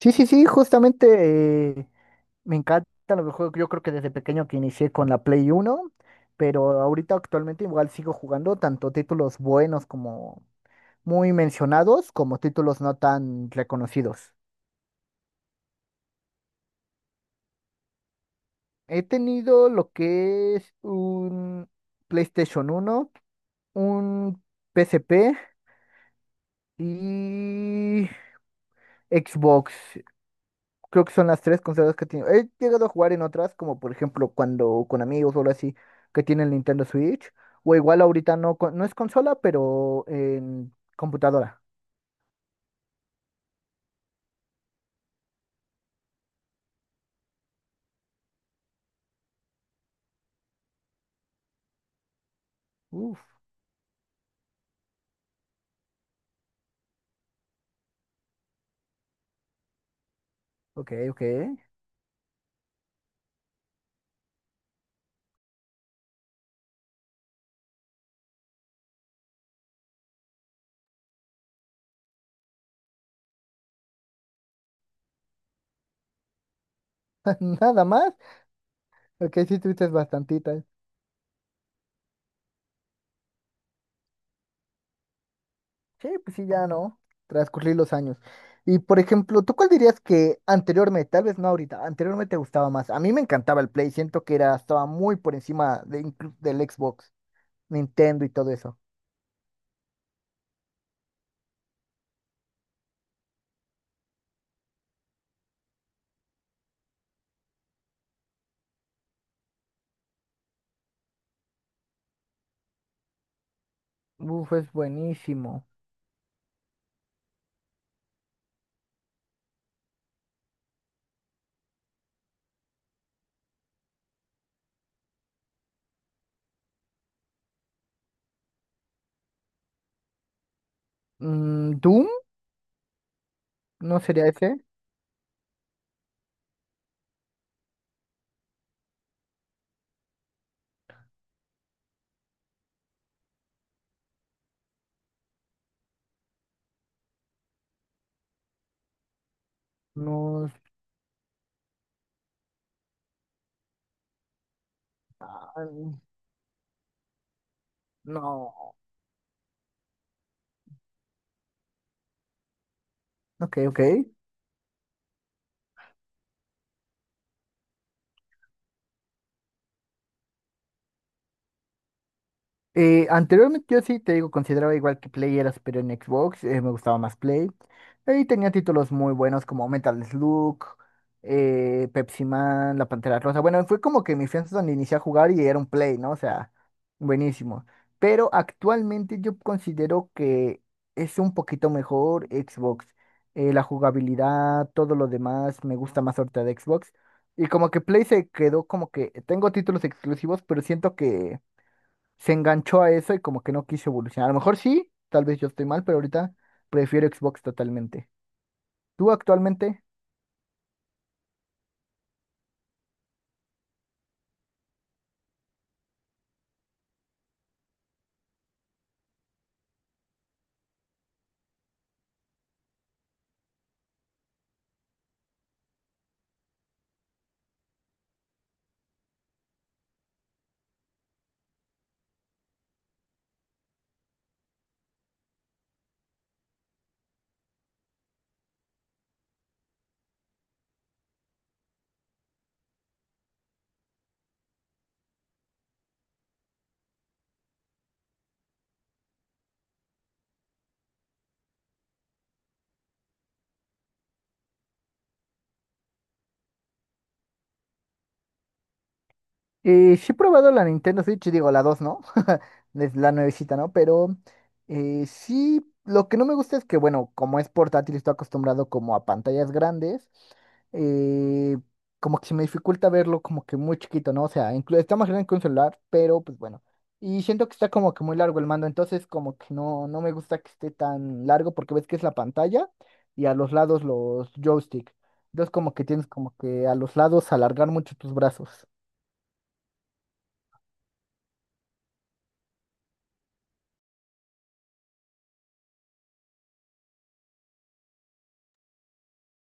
Sí, sí, sí, justamente me encantan los juegos. Yo creo que desde pequeño que inicié con la Play Uno, pero ahorita actualmente igual sigo jugando tanto títulos buenos como muy mencionados, como títulos no tan reconocidos. He tenido lo que es un PlayStation uno, un PSP y Xbox. Creo que son las tres consolas que he tenido. He llegado a jugar en otras, como por ejemplo cuando con amigos o algo así, que tienen Nintendo Switch. O igual ahorita no, no es consola, pero en computadora. Uf, ok, ok. Nada más. Ok, sí tuviste bastantitas. Sí, pues sí, ya no. Transcurrir los años. Y por ejemplo, ¿tú cuál dirías que anteriormente, tal vez no ahorita, anteriormente te gustaba más? A mí me encantaba el Play, siento que era, estaba muy por encima de del Xbox, Nintendo y todo eso. Uf, es buenísimo. Mm, ¿Doom? ¿No sería ese? No. Ah, no. Ok, ok. Anteriormente yo sí, te digo, consideraba igual que Play era superior en Xbox, me gustaba más Play. Y tenía títulos muy buenos como Metal Slug, Pepsi Man, La Pantera Rosa. Bueno, fue como que mi fianza donde inicié a jugar y era un Play, ¿no? O sea, buenísimo. Pero actualmente yo considero que es un poquito mejor Xbox. La jugabilidad, todo lo demás, me gusta más ahorita de Xbox. Y como que Play se quedó como que tengo títulos exclusivos, pero siento que se enganchó a eso y como que no quiso evolucionar. A lo mejor sí, tal vez yo estoy mal, pero ahorita prefiero Xbox totalmente. ¿Tú actualmente? Sí he probado la Nintendo Switch, digo, la 2, ¿no? Es la nuevecita, ¿no? Pero sí, lo que no me gusta es que, bueno, como es portátil, estoy acostumbrado como a pantallas grandes, eh, como que se me dificulta verlo como que muy chiquito, ¿no? O sea, está más grande que un celular, pero pues bueno. Y siento que está como que muy largo el mando, entonces como que no, no me gusta que esté tan largo porque ves que es la pantalla y a los lados los joysticks. Entonces como que tienes como que a los lados alargar mucho tus brazos.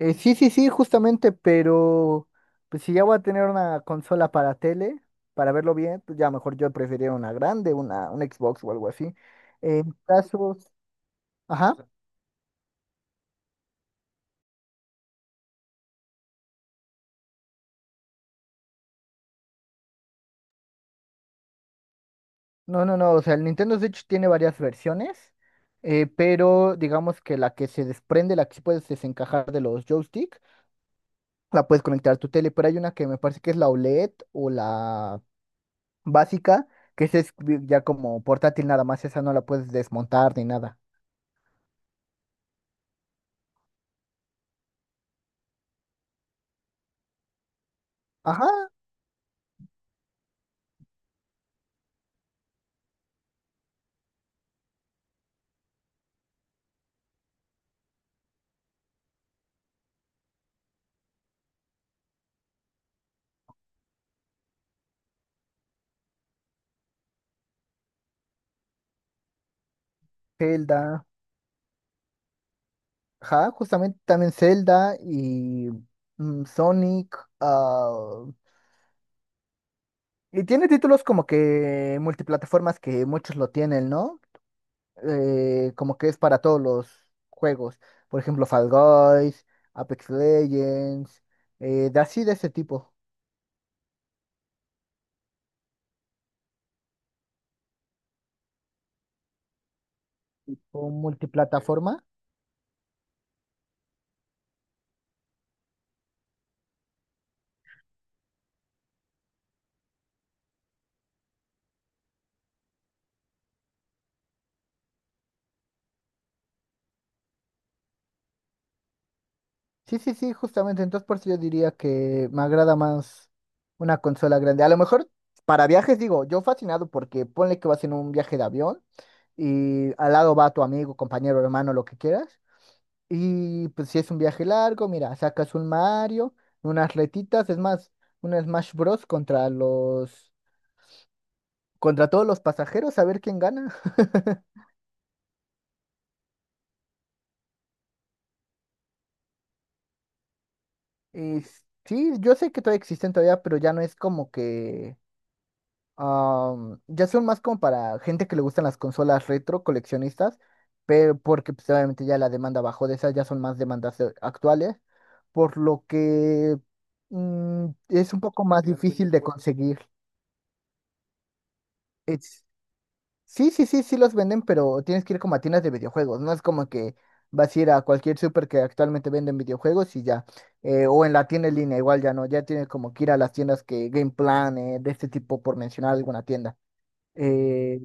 Sí, sí, sí, justamente, pero pues si ya voy a tener una consola para tele, para verlo bien, pues ya mejor yo preferiría una grande, una, un Xbox o algo así. En casos, ajá, no, no, no, o sea, el Nintendo Switch tiene varias versiones, pero digamos que la que se desprende, la que sí puedes desencajar de los joystick, la puedes conectar a tu tele, pero hay una que me parece que es la OLED o la básica, que esa es ya como portátil nada más, esa no la puedes desmontar ni nada. Ajá, Zelda. Ajá, justamente también Zelda y mm, Sonic. Ah, y tiene títulos como que multiplataformas que muchos lo tienen, ¿no? Como que es para todos los juegos. Por ejemplo, Fall Guys, Apex Legends, de así de ese tipo. O Multiplataforma. Sí, sí, sí, justamente. Entonces, por eso yo diría que me agrada más una consola grande. A lo mejor para viajes, digo, yo fascinado porque ponle que vas en un viaje de avión y al lado va tu amigo, compañero, hermano, lo que quieras. Y pues si es un viaje largo, mira, sacas un Mario, unas retitas, es más, un Smash Bros. Contra los, contra todos los pasajeros, a ver quién gana. Y sí, yo sé que todavía existen todavía, pero ya no es como que... Am, ya son más como para gente que le gustan las consolas retro, coleccionistas, pero porque pues, obviamente ya la demanda bajó de esas, ya son más demandas actuales, por lo que mm, es un poco más difícil de conseguir. Es- sí, sí, sí, sí los venden, pero tienes que ir como a tiendas de videojuegos, no es como que vas a ir a cualquier super que actualmente venden videojuegos y ya, o en la tienda en línea, igual ya no, ya tienes como que ir a las tiendas que Game Plan, de este tipo, por mencionar alguna tienda. Eh,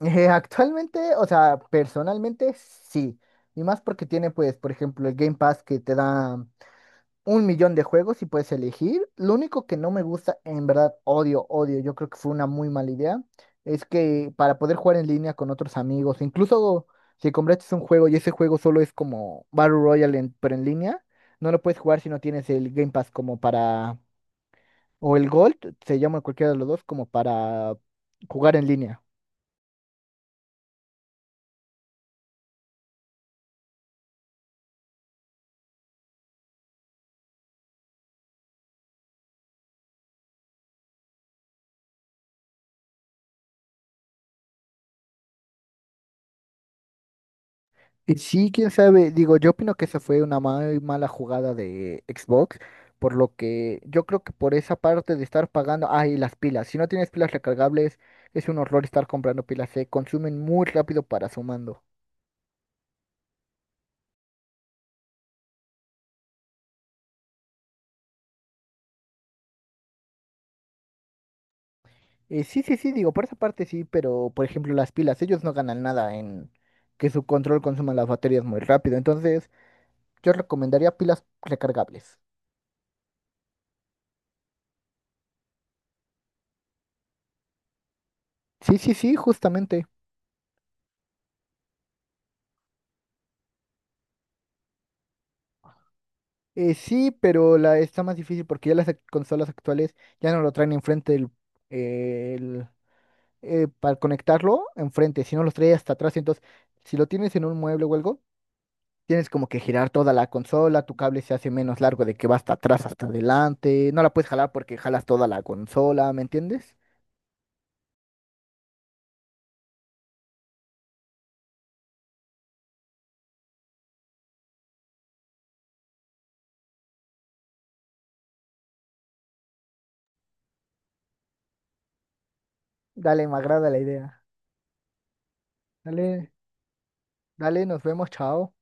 Actualmente, o sea, personalmente sí. Y más porque tiene, pues, por ejemplo, el Game Pass que te da un millón de juegos y puedes elegir. Lo único que no me gusta, en verdad, odio, odio, yo creo que fue una muy mala idea, es que para poder jugar en línea con otros amigos, incluso si compraste un juego y ese juego solo es como Battle Royale, pero en línea, no lo puedes jugar si no tienes el Game Pass como para, o el Gold, se llama cualquiera de los dos, como para jugar en línea. Sí, quién sabe. Digo, yo opino que esa fue una muy mala jugada de Xbox, por lo que yo creo que por esa parte de estar pagando, ah, y las pilas. Si no tienes pilas recargables, es un horror estar comprando pilas, se consumen muy rápido para su mando. Sí, sí, sí, digo, por esa parte sí, pero por ejemplo las pilas, ellos no ganan nada en que su control consuma las baterías muy rápido. Entonces, yo recomendaría pilas recargables. Sí, sí, sí, justamente. Sí, pero la está más difícil porque ya las consolas actuales ya no lo traen enfrente del, eh, el, para conectarlo enfrente, sino los trae hasta atrás. Entonces, si lo tienes en un mueble o algo, tienes como que girar toda la consola, tu cable se hace menos largo de que va hasta atrás, hasta adelante. No la puedes jalar porque jalas toda la consola, ¿me entiendes? Dale, me agrada la idea. Dale, dale, nos vemos, chao.